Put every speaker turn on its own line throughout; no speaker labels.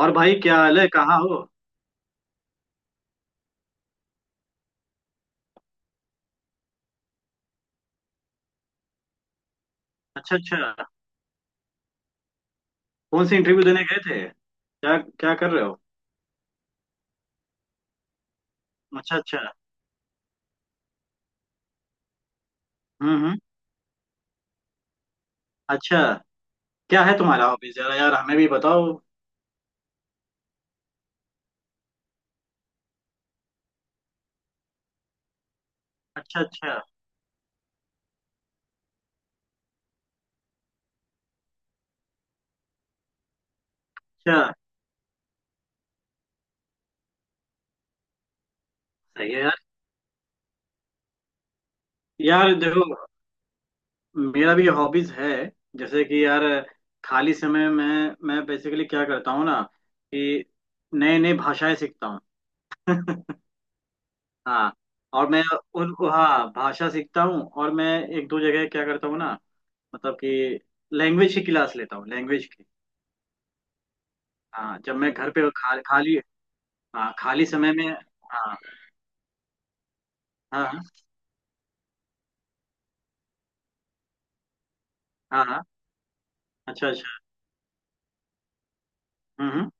और भाई, क्या हाल है? कहाँ हो? अच्छा, अच्छा। कौन से इंटरव्यू देने गए थे? क्या क्या कर रहे हो? अच्छा, अच्छा। हम्म, हम्म। अच्छा। क्या है तुम्हारा हॉबी? जरा यार, हमें भी बताओ। अच्छा, अच्छा, अच्छा। सही है यार। यार देखो, मेरा भी हॉबीज है। जैसे कि यार, खाली समय में मैं बेसिकली क्या करता हूँ ना, कि नए नए भाषाएं सीखता हूँ। हाँ। और मैं, उन, हाँ, भाषा सीखता हूँ और मैं एक दो जगह क्या करता हूँ ना, मतलब कि लैंग्वेज की क्लास लेता हूँ, लैंग्वेज की। हाँ, जब मैं घर पे खाली। हाँ, खाली समय में। हाँ हाँ हाँ हाँ हाँ, अच्छा, अच्छा। हम्म,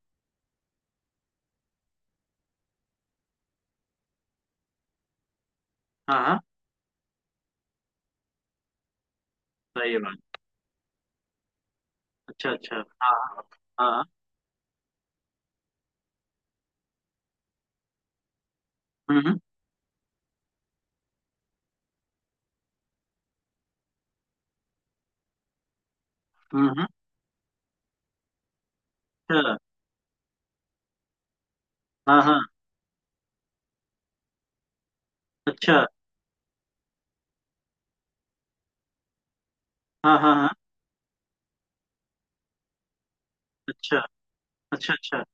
हाँ हाँ। सही है बात। अच्छा, अच्छा। हाँ हाँ हाँ। हम्म, हम्म, हम्म। अच्छा, हाँ हाँ। अच्छा। हाँ हाँ हाँ। अच्छा, अच्छा। अच्छा।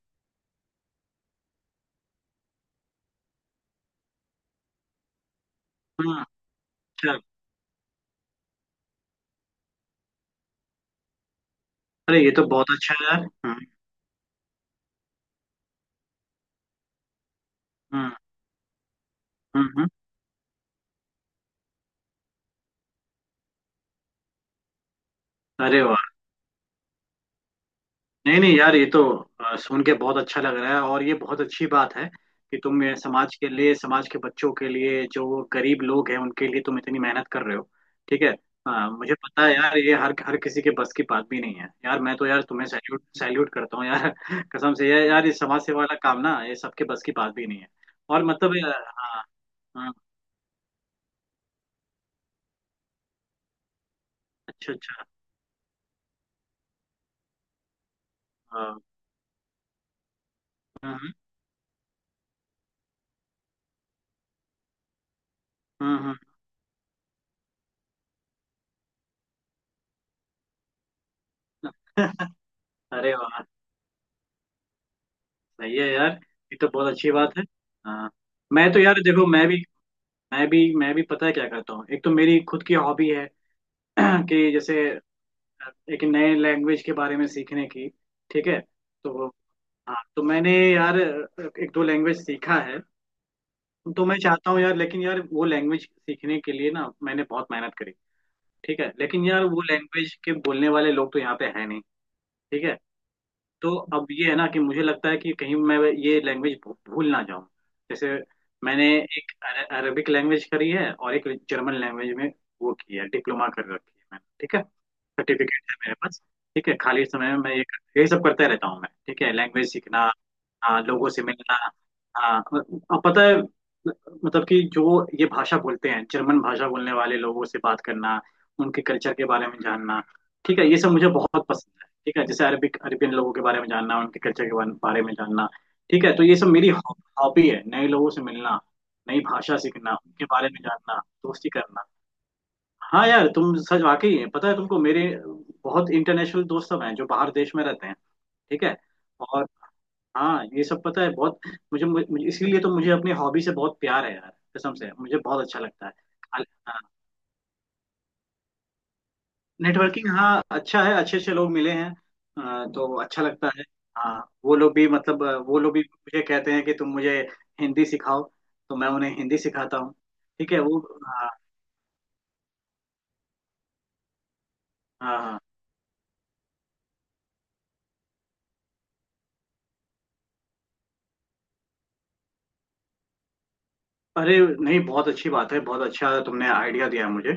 हम्म। अच्छा। अरे, ये तो बहुत अच्छा है यार। हम्म। हम्म, हम्म, हम्म। अरे वाह! नहीं नहीं यार, ये तो सुन के बहुत अच्छा लग रहा है। और ये बहुत अच्छी बात है कि तुम ये समाज के लिए, समाज के बच्चों के लिए, जो वो गरीब लोग हैं उनके लिए तुम इतनी मेहनत कर रहे हो। ठीक है। हाँ, मुझे पता है यार, ये हर हर किसी के बस की बात भी नहीं है यार। मैं तो यार तुम्हें सैल्यूट सैल्यूट करता हूँ यार। कसम से यार, यार ये समाज सेवा वाला काम ना, ये सबके बस की बात भी नहीं है। और मतलब हाँ। हाँ। अच्छा, अच्छा। हाँ, हम्म हम्म। अरे वाह! सही है यार, ये तो बहुत अच्छी बात है। हाँ। मैं तो यार देखो, मैं भी पता है क्या करता हूँ। एक तो मेरी खुद की हॉबी है। कि जैसे एक नए लैंग्वेज के बारे में सीखने की। ठीक है। तो हाँ, तो मैंने यार एक दो लैंग्वेज सीखा है। तो मैं चाहता हूँ यार, लेकिन यार वो लैंग्वेज सीखने के लिए ना, मैंने बहुत मेहनत करी। ठीक है, लेकिन यार वो लैंग्वेज के बोलने वाले लोग तो यहाँ पे है नहीं। ठीक है। तो अब ये है ना, कि मुझे लगता है कि कहीं मैं ये लैंग्वेज भूल ना जाऊं। जैसे मैंने एक अरबिक लैंग्वेज करी है और एक जर्मन लैंग्वेज में वो की है, डिप्लोमा कर रखी है मैंने। ठीक है। सर्टिफिकेट है मेरे पास। ठीक है, खाली समय में मैं ये यही सब करते रहता हूँ मैं। ठीक है, लैंग्वेज सीखना, हाँ, लोगों से मिलना, हाँ। और पता है, मतलब कि जो ये भाषा बोलते हैं, जर्मन भाषा बोलने वाले लोगों से बात करना, उनके कल्चर के बारे में जानना। ठीक है, ये सब मुझे बहुत पसंद है। ठीक है, जैसे अरबिक, अरबियन लोगों के बारे में जानना, उनके कल्चर के बारे बारे में जानना। ठीक है, तो ये सब मेरी हॉबी है, नए लोगों से मिलना, नई भाषा सीखना, उनके बारे में जानना, दोस्ती करना। हाँ यार, तुम सच, वाकई है, पता है तुमको, मेरे बहुत इंटरनेशनल दोस्त सब हैं जो बाहर देश में रहते हैं। ठीक है। और हाँ, ये सब पता है। बहुत मुझे इसीलिए तो मुझे अपनी हॉबी से बहुत प्यार है यार। कसम से मुझे बहुत अच्छा लगता है। हाँ। नेटवर्किंग, हाँ, अच्छा है, अच्छे अच्छे लोग मिले हैं। तो अच्छा लगता है। हाँ, वो लोग भी मतलब, वो लोग भी मुझे कहते हैं कि तुम मुझे हिंदी सिखाओ। तो मैं उन्हें हिंदी सिखाता हूँ। ठीक है वो, हाँ हाँ हाँ। अरे नहीं, बहुत अच्छी बात है। बहुत अच्छा तुमने आइडिया दिया है मुझे।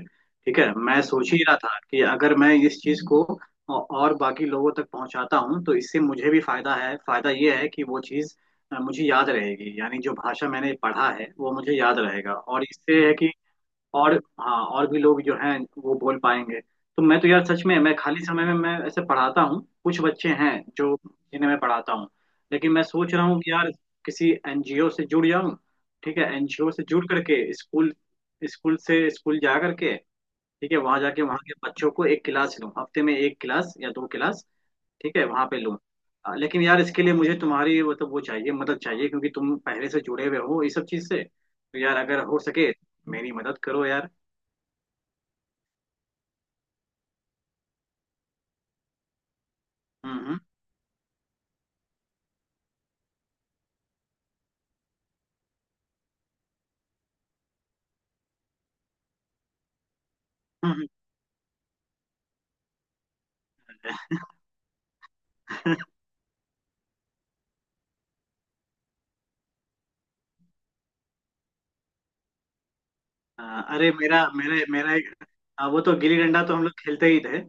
ठीक है, मैं सोच ही रहा था कि अगर मैं इस चीज को और बाकी लोगों तक पहुंचाता हूं तो इससे मुझे भी फायदा है। फायदा ये है कि वो चीज मुझे याद रहेगी, यानी जो भाषा मैंने पढ़ा है वो मुझे याद रहेगा। और इससे है कि और हाँ, और भी लोग जो हैं वो बोल पाएंगे। तो मैं तो यार सच में, मैं खाली समय में मैं ऐसे पढ़ाता हूँ, कुछ बच्चे हैं जो, जिन्हें मैं पढ़ाता हूँ। लेकिन मैं सोच रहा हूँ कि यार, किसी एनजीओ से जुड़ जाऊँ। ठीक है, एनजीओ से जुड़ करके स्कूल स्कूल से स्कूल जा करके। ठीक है, वहाँ जाके वहाँ के बच्चों को एक क्लास लूँ, हफ्ते में एक क्लास या दो क्लास, ठीक है वहाँ पे लूँ। लेकिन यार इसके लिए मुझे तुम्हारी मतलब वो चाहिए मदद चाहिए, क्योंकि तुम पहले से जुड़े हुए हो इस सब चीज़ से। तो यार अगर हो सके, मेरी मदद करो यार। हम्म, हम्म, हम्म। हाँ। अरे मेरा एक। हाँ, वो तो गिल्ली डंडा तो हम लोग खेलते ही थे।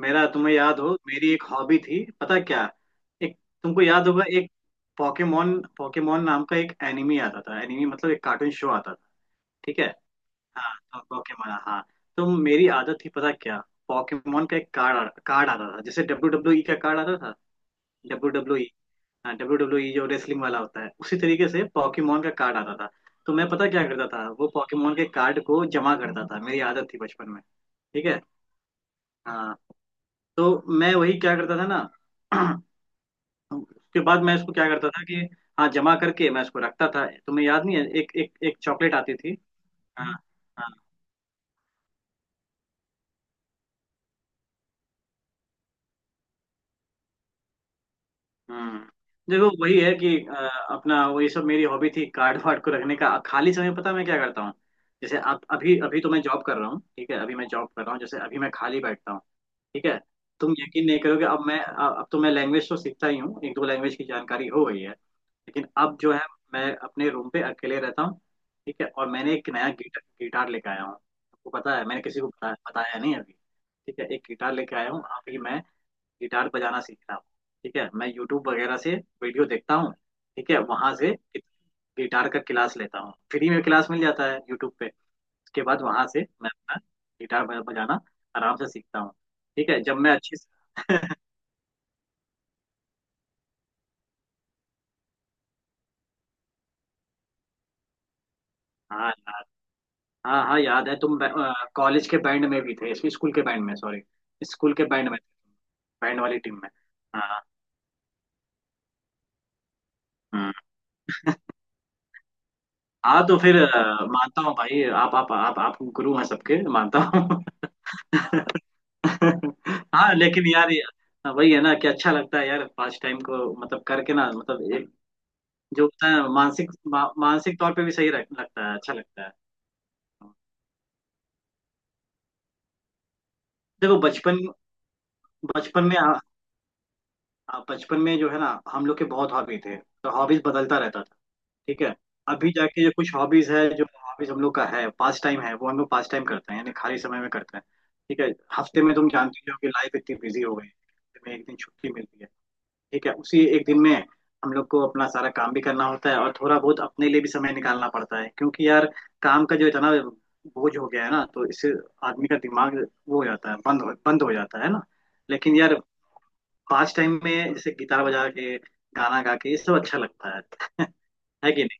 मेरा तुम्हें याद हो, मेरी एक हॉबी थी, पता क्या? एक, तुमको याद होगा, एक पोकेमोन, पोकेमोन नाम का एक एनिमी आता था, एनिमी मतलब एक कार्टून शो आता था। ठीक है। हाँ तो पोकेमोन, हाँ। तो मेरी आदत थी, पता क्या? पोकेमोन का एक कार्ड, कार्ड आता था, जैसे WWE का कार्ड आता था। डब्ल्यू, हाँ, WWE जो रेसलिंग वाला होता है, उसी तरीके से पॉकीमोन का कार्ड आता था। तो मैं पता क्या करता था, वो पॉकीमोन के कार्ड को जमा करता था, मेरी आदत थी बचपन में। ठीक है। हाँ, तो मैं वही क्या करता था ना। उसके बाद मैं इसको क्या करता था कि हाँ, जमा करके मैं इसको रखता था। तुम्हें याद नहीं है, एक एक एक चॉकलेट आती थी। हाँ हाँ। हम्म। देखो, वही है कि अपना वही सब मेरी हॉबी थी, कार्ड वार्ड को रखने का। खाली समय पता है मैं क्या करता हूँ? जैसे अब, अभी अभी तो मैं जॉब कर रहा हूँ। ठीक है, अभी मैं जॉब कर रहा हूँ, जैसे अभी मैं खाली बैठता हूँ। ठीक है। तुम यकीन नहीं करोगे, अब तो मैं लैंग्वेज तो सीखता ही हूँ, एक दो लैंग्वेज की जानकारी हो गई है। लेकिन अब जो है, मैं अपने रूम पे अकेले रहता हूँ। ठीक है, और मैंने एक नया गिटार, गिटार लेके आया हूँ, आपको पता है? मैंने किसी को बताया, बताया नहीं अभी। ठीक है, एक गिटार लेके आया हूँ अभी मैं, गिटार बजाना सीख रहा हूँ। ठीक है, मैं यूट्यूब वगैरह से वीडियो देखता हूँ। ठीक है, वहां से गिटार का क्लास लेता हूँ, फ्री में क्लास मिल जाता है यूट्यूब पे। उसके बाद वहां से मैं अपना गिटार बजाना आराम से सीखता हूँ। ठीक है, जब मैं अच्छी। हाँ यार, हाँ हाँ याद है। तुम कॉलेज के बैंड में भी थे, स्कूल के बैंड में सॉरी, स्कूल के बैंड में, बैंड वाली टीम में। हाँ। हम्म। हाँ, तो फिर मानता हूँ भाई, आप गुरु हैं सबके, मानता हूँ। हाँ, लेकिन यार वही है ना कि अच्छा लगता है यार पास टाइम को मतलब करके ना, मतलब एक जो होता है मानसिक, मानसिक तौर पे भी सही लगता है, अच्छा लगता है। देखो, बचपन बचपन में आ, आ- बचपन में जो है ना, हम लोग के बहुत हॉबी थे, तो हॉबीज बदलता रहता था। ठीक है। अभी जाके जो कुछ हॉबीज है, जो हॉबीज हम लोग का है, पास टाइम है, वो हम लोग पास टाइम करते हैं, यानी खाली समय में करते हैं। ठीक है। हफ्ते में, तुम जानते ही हो कि लाइफ इतनी बिजी हो गई है, हफ्ते में एक दिन छुट्टी मिलती है। ठीक है, उसी एक दिन में हम लोग को अपना सारा काम भी करना होता है और थोड़ा बहुत अपने लिए भी समय निकालना पड़ता है। क्योंकि यार, काम का जो इतना बोझ हो गया है ना, तो इससे आदमी का दिमाग वो हो जाता है, बंद हो जाता है ना। लेकिन यार, पास टाइम में जैसे गिटार बजा के, गाना गा के, ये सब अच्छा लगता है। है कि नहीं?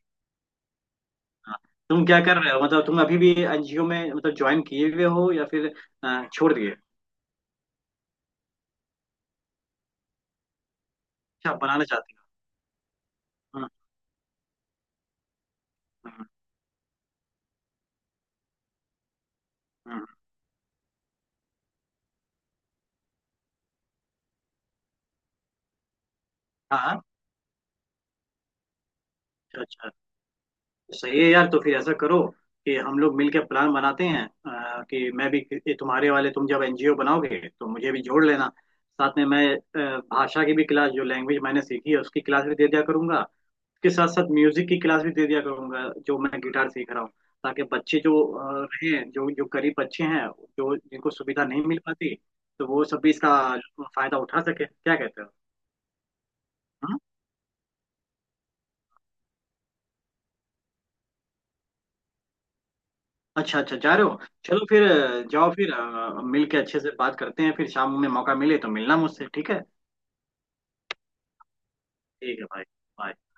हाँ। तुम क्या कर रहे हो? मतलब तुम अभी भी एनजीओ में मतलब ज्वाइन किए हुए हो, या फिर छोड़ दिए? अच्छा, बनाना चाहते हो? हाँ हाँ हाँ हाँ, अच्छा, अच्छा। सही है यार, तो फिर ऐसा करो कि हम लोग मिलकर प्लान बनाते हैं, कि मैं भी कि तुम्हारे वाले तुम जब एनजीओ बनाओगे तो मुझे भी जोड़ लेना, साथ में मैं भाषा की भी क्लास, जो लैंग्वेज मैंने सीखी है उसकी क्लास भी दे दिया करूंगा, के साथ साथ म्यूजिक की क्लास भी दे दिया करूंगा जो मैं गिटार सीख रहा हूँ। ताकि बच्चे जो हैं, जो जो गरीब बच्चे हैं, जो जिनको सुविधा नहीं मिल पाती, तो वो सब भी इसका फायदा उठा सके। क्या कहते हो? हाँ? अच्छा अच्छा, जा रहे हो। चलो फिर जाओ, फिर मिल के अच्छे से बात करते हैं, फिर शाम में मौका मिले तो मिलना मुझसे। ठीक है, ठीक है भाई। bye।